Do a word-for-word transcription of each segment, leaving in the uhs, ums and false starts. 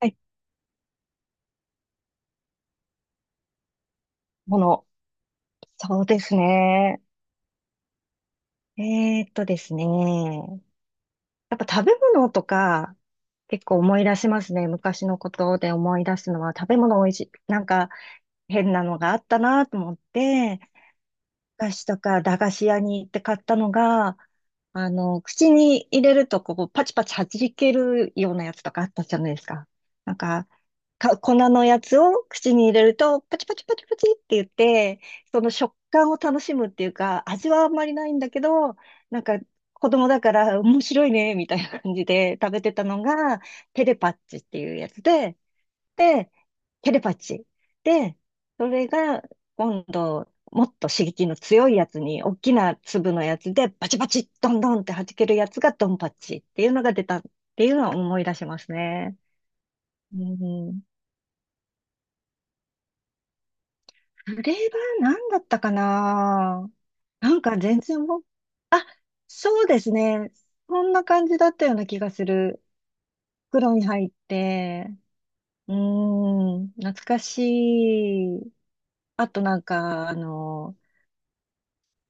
はい、もの。そうですね。えーっとですね。やっぱ食べ物とか、結構思い出しますね。昔のことで思い出すのは、食べ物美味しい。なんか変なのがあったなと思って、お菓子とか駄菓子屋に行って買ったのが、あの、口に入れるとこうパチパチ弾けるようなやつとかあったじゃないですか。なんか、か、粉のやつを口に入れるとパチパチパチパチって言って、その食感を楽しむっていうか、味はあんまりないんだけど、なんか子供だから面白いね、みたいな感じで食べてたのが、テレパッチっていうやつで、で、テレパチー。で、それが今度、もっと刺激の強いやつに、大きな粒のやつで、バチバチ、ドンドンって弾けるやつがドンパチっていうのが出たっていうのは思い出しますね。うん。それは何だったかな。なんか全然もう、そうですね。そんな感じだったような気がする。袋に入って、うーん、懐かしい。あとなんか、あの、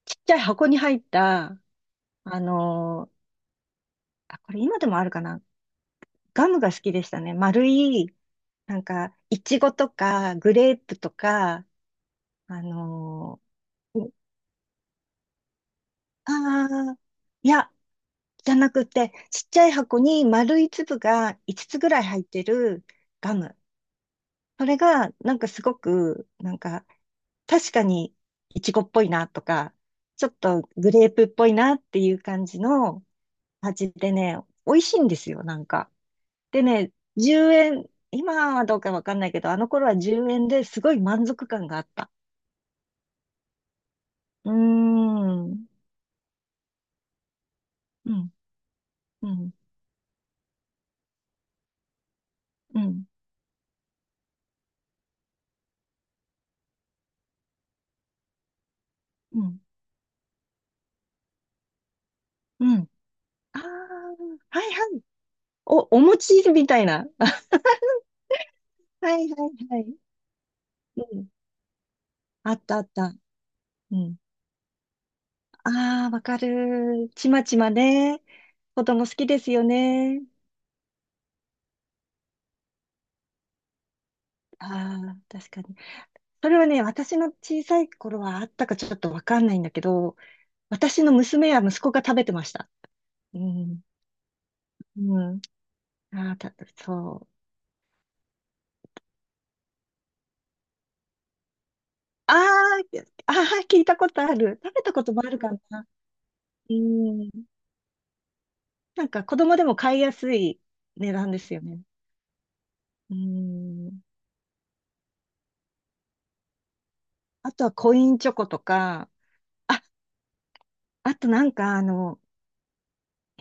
ちっちゃい箱に入った、あのーあ、これ今でもあるかな。ガムが好きでしたね。丸い、なんか、いちごとか、グレープとか、あのーああいや、じゃなくて、ちっちゃい箱に丸い粒がいつつつぐらい入ってるガム。それが、なんかすごく、なんか、確かにいちごっぽいなとか、ちょっとグレープっぽいなっていう感じの味でね、美味しいんですよ、なんか。でね、じゅうえん、今はどうかわかんないけど、あの頃はじゅうえんですごい満足感があった。うーん、うん、うん、うん、うん、うん。ああ、はいはい。お、お餅みたいな。はいはいはい。うん。あったあった。うん。ああ、わかる。ちまちまね。子供好きですよね。ああ、確かに。それはね、私の小さい頃はあったかちょっとわかんないんだけど、私の娘や息子が食べてました。うん。うん。ああ、た、そう。ああ、ああ、聞いたことある。食べたこともあるかな。うん。なんか子供でも買いやすい値段ですよね。うん。あとはコインチョコとか、あ、あとなんかあの、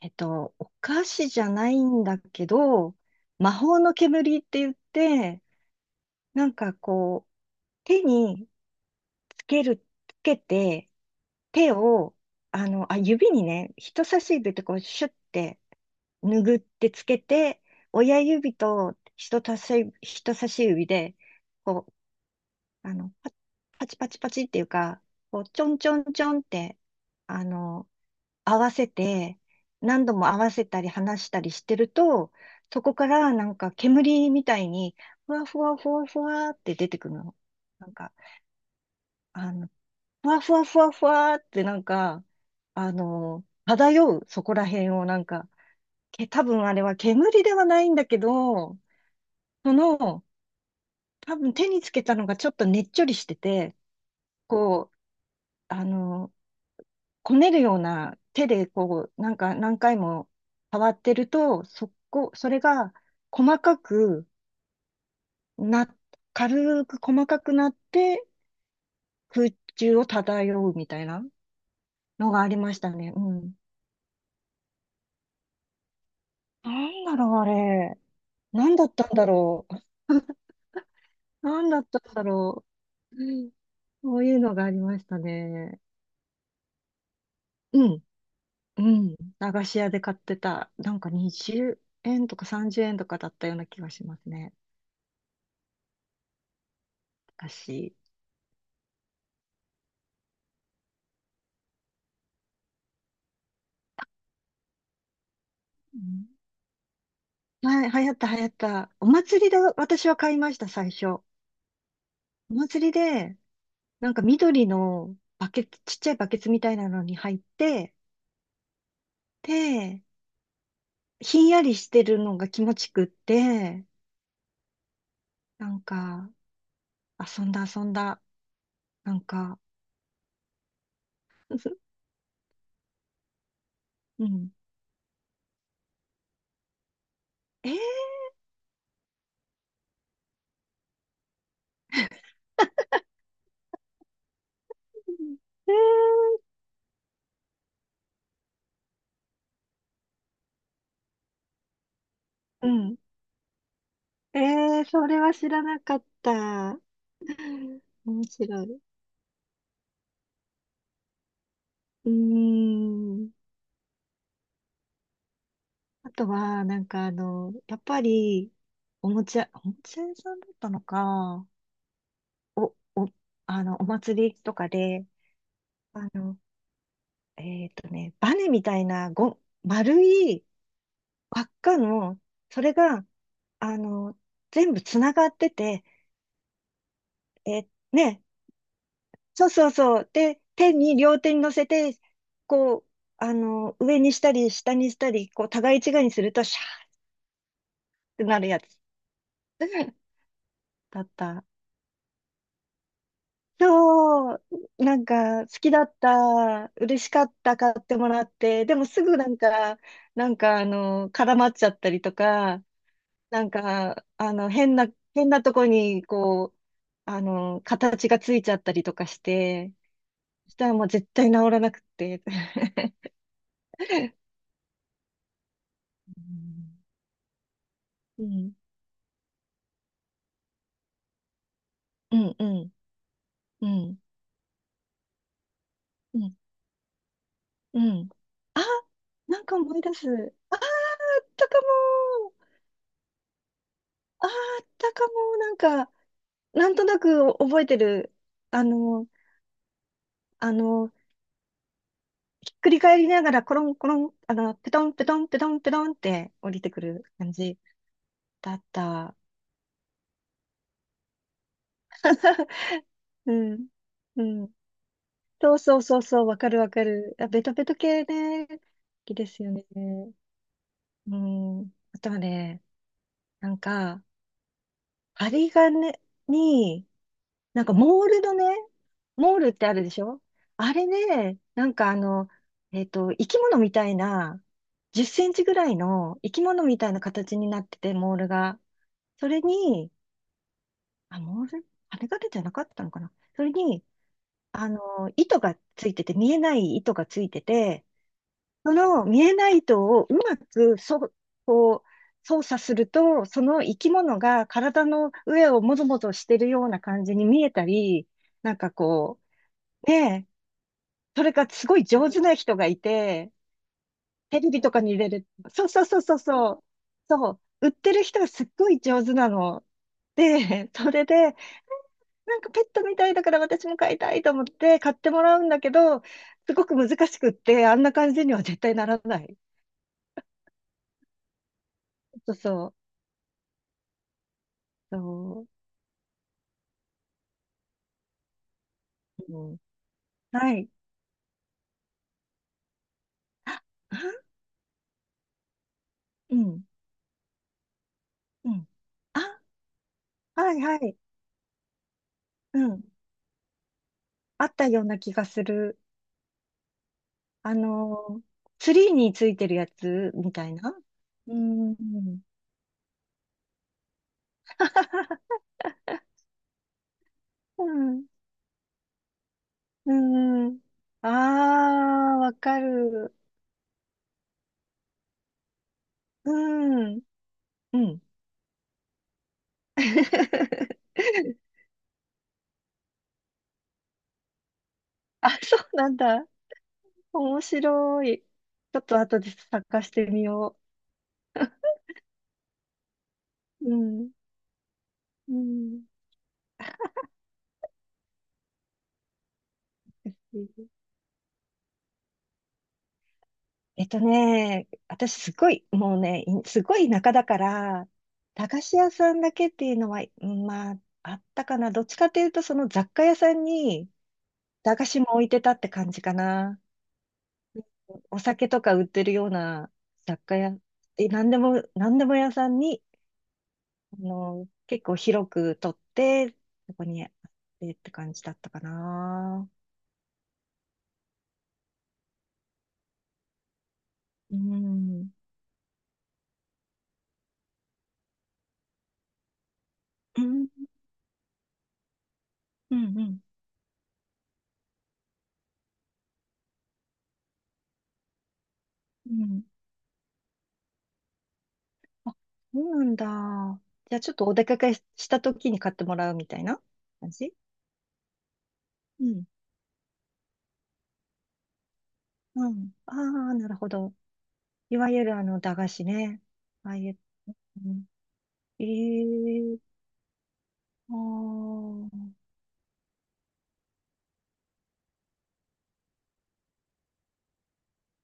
えっと、お菓子じゃないんだけど、魔法の煙って言って、なんかこう、手につける、つけて、手を、あの、あ、指にね、人差し指ってこう、シュッて、拭ってつけて、親指と人差し、人差し指で、こう、あの、パパチパチパチっていうか、こう、ちょんちょんちょんって、あの、合わせて、何度も合わせたり離したりしてると、そこからなんか煙みたいに、ふわふわふわふわって出てくるの。なんか、あの、ふわふわふわふわってなんか、あの、漂う、そこら辺をなんか、け、多分あれは煙ではないんだけど、その、多分手につけたのがちょっとねっちょりしてて、こう、あの、こねるような手でこう、なんか何回も触ってると、そこ、それが細かくな、軽く細かくなって空中を漂うみたいなのがありましたね。うん。なんだろう、あれ。なんだったんだろう。なんだったんだろう。うん、そういうのがありましたね。うん。うん、駄菓子屋で買ってた、なんかにじゅうえんとかさんじゅうえんとかだったような気がしますね。昔。うん、はい、流行った流行った。お祭りで私は買いました、最初。お祭りで、なんか緑のバケツ、ちっちゃいバケツみたいなのに入って、で、ひんやりしてるのが気持ちくって、なんか、遊んだ遊んだ。なんか、うん。えー、えー、うん。えー、それは知らなかった。面白い。うーん。あとは、なんかあの、やっぱり、おもちゃ、おもちゃ屋さんだったのか、お、お、あの、お祭りとかで、あの、えっとね、バネみたいな、ご、丸い輪っかの、それが、あの、全部つながってて、え、ね、そうそうそう。で、手に、両手に乗せて、こう、あの、上にしたり、下にしたり、こう、互い違いにすると、シャーってなるやつ。だった。そう、なんか好きだった、嬉しかった、買ってもらって、でもすぐなんか、なんかあの、絡まっちゃったりとか、なんか、あの、変な、変なとこに、こう、あの、形がついちゃったりとかして、そしたらもう絶対治らなくて。うんうん、うん、うん、うん、うん、あ、なんか思い出す。あったかも。あーあったかも、なんか、なんとなく覚えてる。あの、あの、ひっくり返りながら、コロンコロン、あの、ペトンペトンペトンペトンって降りてくる感じだった。うん。うん。そうそうそうそう、わかるわかる。あ、ベトベト系ね、好きですよね。うん。あとはね、なんか、針金に、なんかモールのね、モールってあるでしょ？あれね、なんかあの、えっと、生き物みたいな、じゅっセンチぐらいの生き物みたいな形になってて、モールが。それに、あ、モール、羽が出じゃなかったのかな、それに、あの、糸がついてて、見えない糸がついてて、その見えない糸をうまく、そ、こう、操作すると、その生き物が体の上をもぞもぞしてるような感じに見えたり、なんかこう、ねえ、それがすごい上手な人がいて、テレビとかに入れる。そうそうそうそうそう。そう、売ってる人がすっごい上手なの。で、それで、なんかペットみたいだから私も飼いたいと思って買ってもらうんだけど、すごく難しくって、あんな感じには絶対ならない。そうそう。そう、うん、はい。あ、あうん、うん。あ、はいはい。うん。あったような気がする。あの、ツリーについてるやつみたいな。うん。うん。うん。ああ、わかる。うん。うん。あ、そうなんだ。面白い。ちょっと後で探してみよう。うん。うん。えっとね、私すごい、もうね、いすごい田舎だから、駄菓子屋さんだけっていうのは、うん、まあ、あったかな。どっちかというと、その雑貨屋さんに駄菓子も置いてたって感じかな。お酒とか売ってるような雑貨屋、え、なんでも、なんでも屋さんに、あの、結構広く取って、そこにあってって感じだったかな。うん。うん、うん、うん。うん、あ、そうなんだ。じゃあちょっとお出かけした時に買ってもらうみたいな感じ。うん。うん。ああ、なるほど。いわゆるあの、駄菓子ね。ああいう、うん、ええー、ああー、